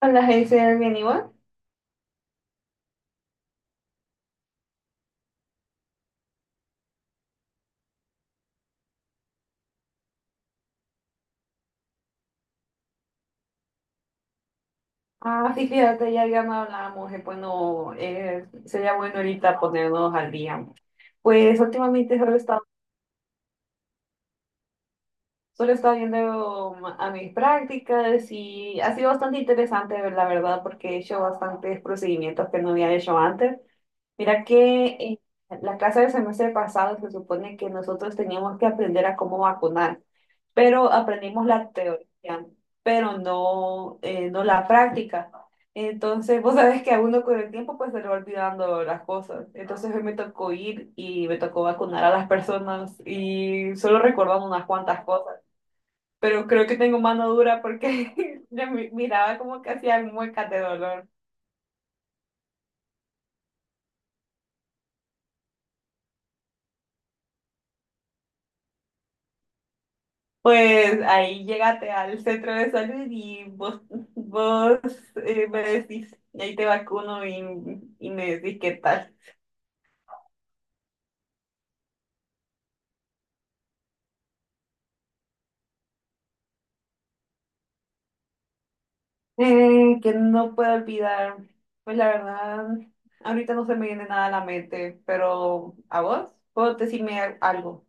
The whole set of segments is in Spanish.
Hola, Hazel, bien igual. Ah, sí, fíjate, ya no hablábamos, bueno, sería bueno ahorita ponernos al día. Pues últimamente solo he estado. Solo estaba viendo a mis prácticas y ha sido bastante interesante, la verdad, porque he hecho bastantes procedimientos que no había hecho antes. Mira que en la clase del semestre pasado se supone que nosotros teníamos que aprender a cómo vacunar, pero aprendimos la teoría, pero no, no la práctica. Entonces, vos sabés que a uno con el tiempo pues se le va olvidando las cosas. Entonces hoy me tocó ir y me tocó vacunar a las personas y solo recordando unas cuantas cosas, pero creo que tengo mano dura porque yo miraba como que hacía muecas de dolor. Pues ahí llégate al centro de salud y vos, vos me decís, y ahí te vacuno y me decís qué tal. Que no puedo olvidar, pues la verdad, ahorita no se me viene nada a la mente, pero ¿a vos? ¿Puedo decirme algo?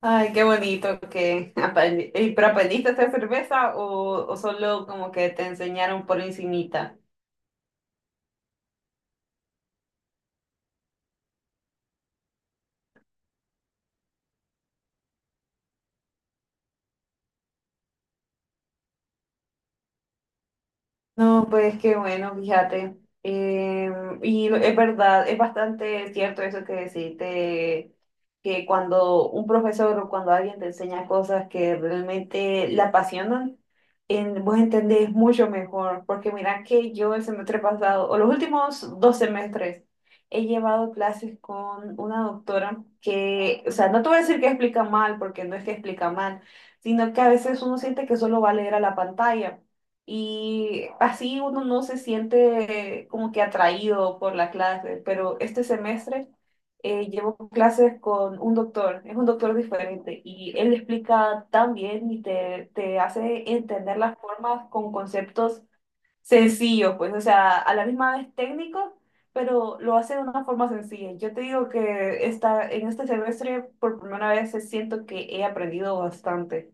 Ay, qué bonito que ¿pero aprendiste a hacer cerveza o solo como que te enseñaron por encimita? No, pues qué bueno, fíjate. Eh, y es verdad, es bastante cierto eso que deciste, que cuando un profesor o cuando alguien te enseña cosas que realmente la apasionan, en, vos entendés mucho mejor. Porque mira que yo el semestre pasado, o los últimos dos semestres, he llevado clases con una doctora que, o sea, no te voy a decir que explica mal, porque no es que explica mal, sino que a veces uno siente que solo va a leer a la pantalla. Y así uno no se siente como que atraído por la clase, pero este semestre llevo clases con un doctor, es un doctor diferente y él explica tan bien y te hace entender las formas con conceptos sencillos, pues, o sea, a la misma vez técnico, pero lo hace de una forma sencilla. Yo te digo que esta, en este semestre por primera vez siento que he aprendido bastante.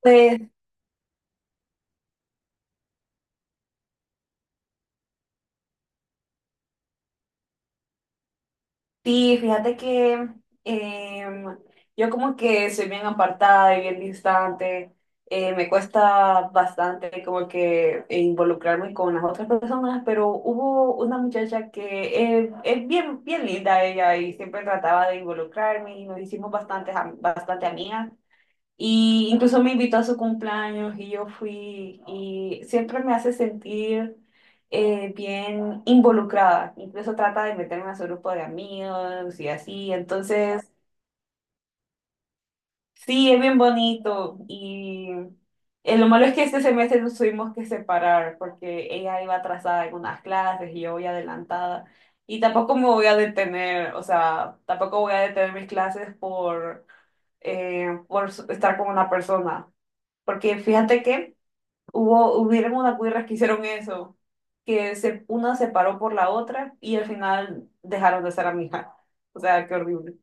Pues sí, fíjate que em, yo como que soy bien apartada y bien distante, me cuesta bastante como que involucrarme con las otras personas, pero hubo una muchacha que es bien, bien linda ella y siempre trataba de involucrarme y nos hicimos bastante amigas. Y incluso me invitó a su cumpleaños y yo fui y siempre me hace sentir bien involucrada. Incluso trata de meterme a su grupo de amigos y así. Entonces, sí, es bien bonito. Y lo malo es que este semestre nos tuvimos que separar porque ella iba atrasada en unas clases y yo voy adelantada. Y tampoco me voy a detener, o sea, tampoco voy a detener mis clases por estar con una persona. Porque fíjate que hubieron unas cuirras que hicieron eso, que se, una se paró por la otra y al final dejaron de ser amigas. O sea, qué horrible.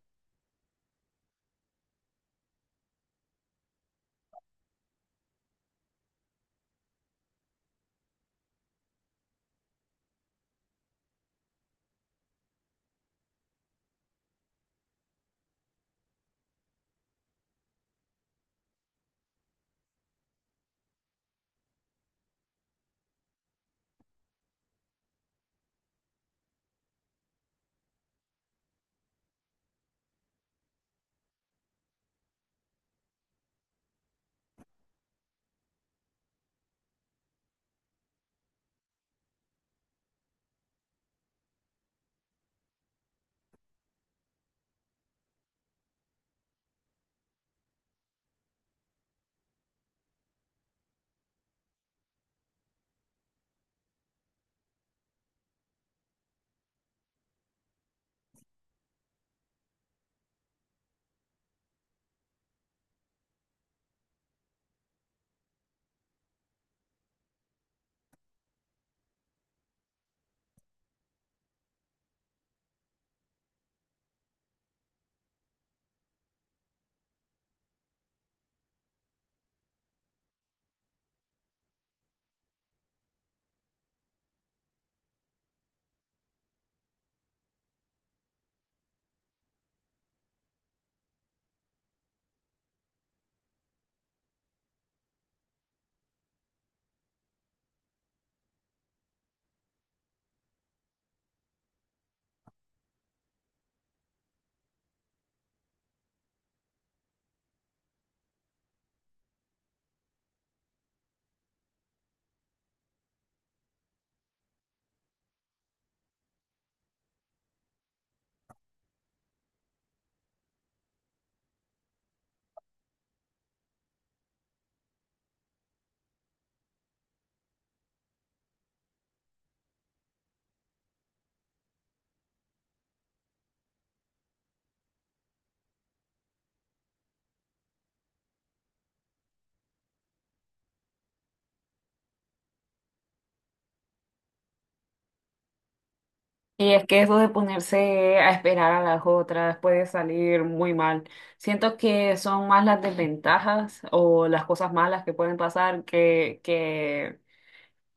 Y es que eso de ponerse a esperar a las otras puede salir muy mal. Siento que son más las desventajas o las cosas malas que pueden pasar que, que,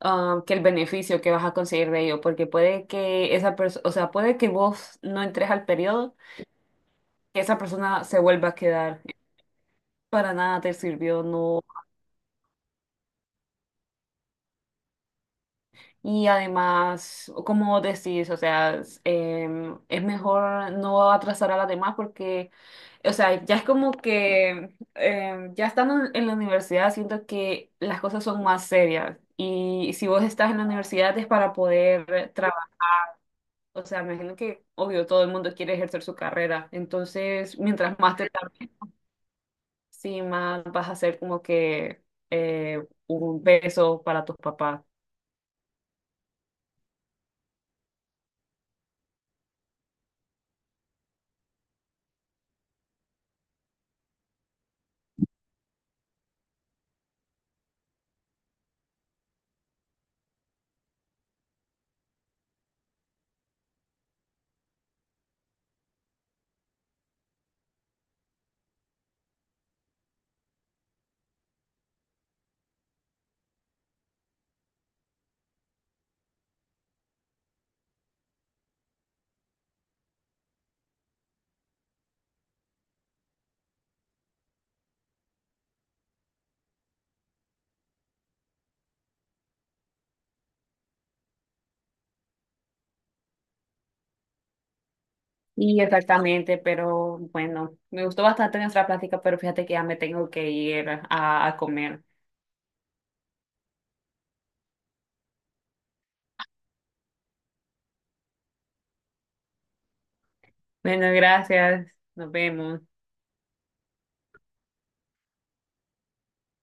ah, que el beneficio que vas a conseguir de ello. Porque puede que esa persona, o sea, puede que vos no entres al periodo, que esa persona se vuelva a quedar. Para nada te sirvió, no. Y además, como decís, o sea, es es mejor no atrasar a las demás porque, o sea, ya es como que, ya estando en la universidad, siento que las cosas son más serias. Y si vos estás en la universidad es para poder trabajar. O sea, me imagino que, obvio, todo el mundo quiere ejercer su carrera. Entonces, mientras más te tardes, sí, más vas a ser como que un peso para tus papás. Y exactamente, pero bueno, me gustó bastante nuestra plática, pero fíjate que ya me tengo que ir a comer. Bueno, gracias, nos vemos.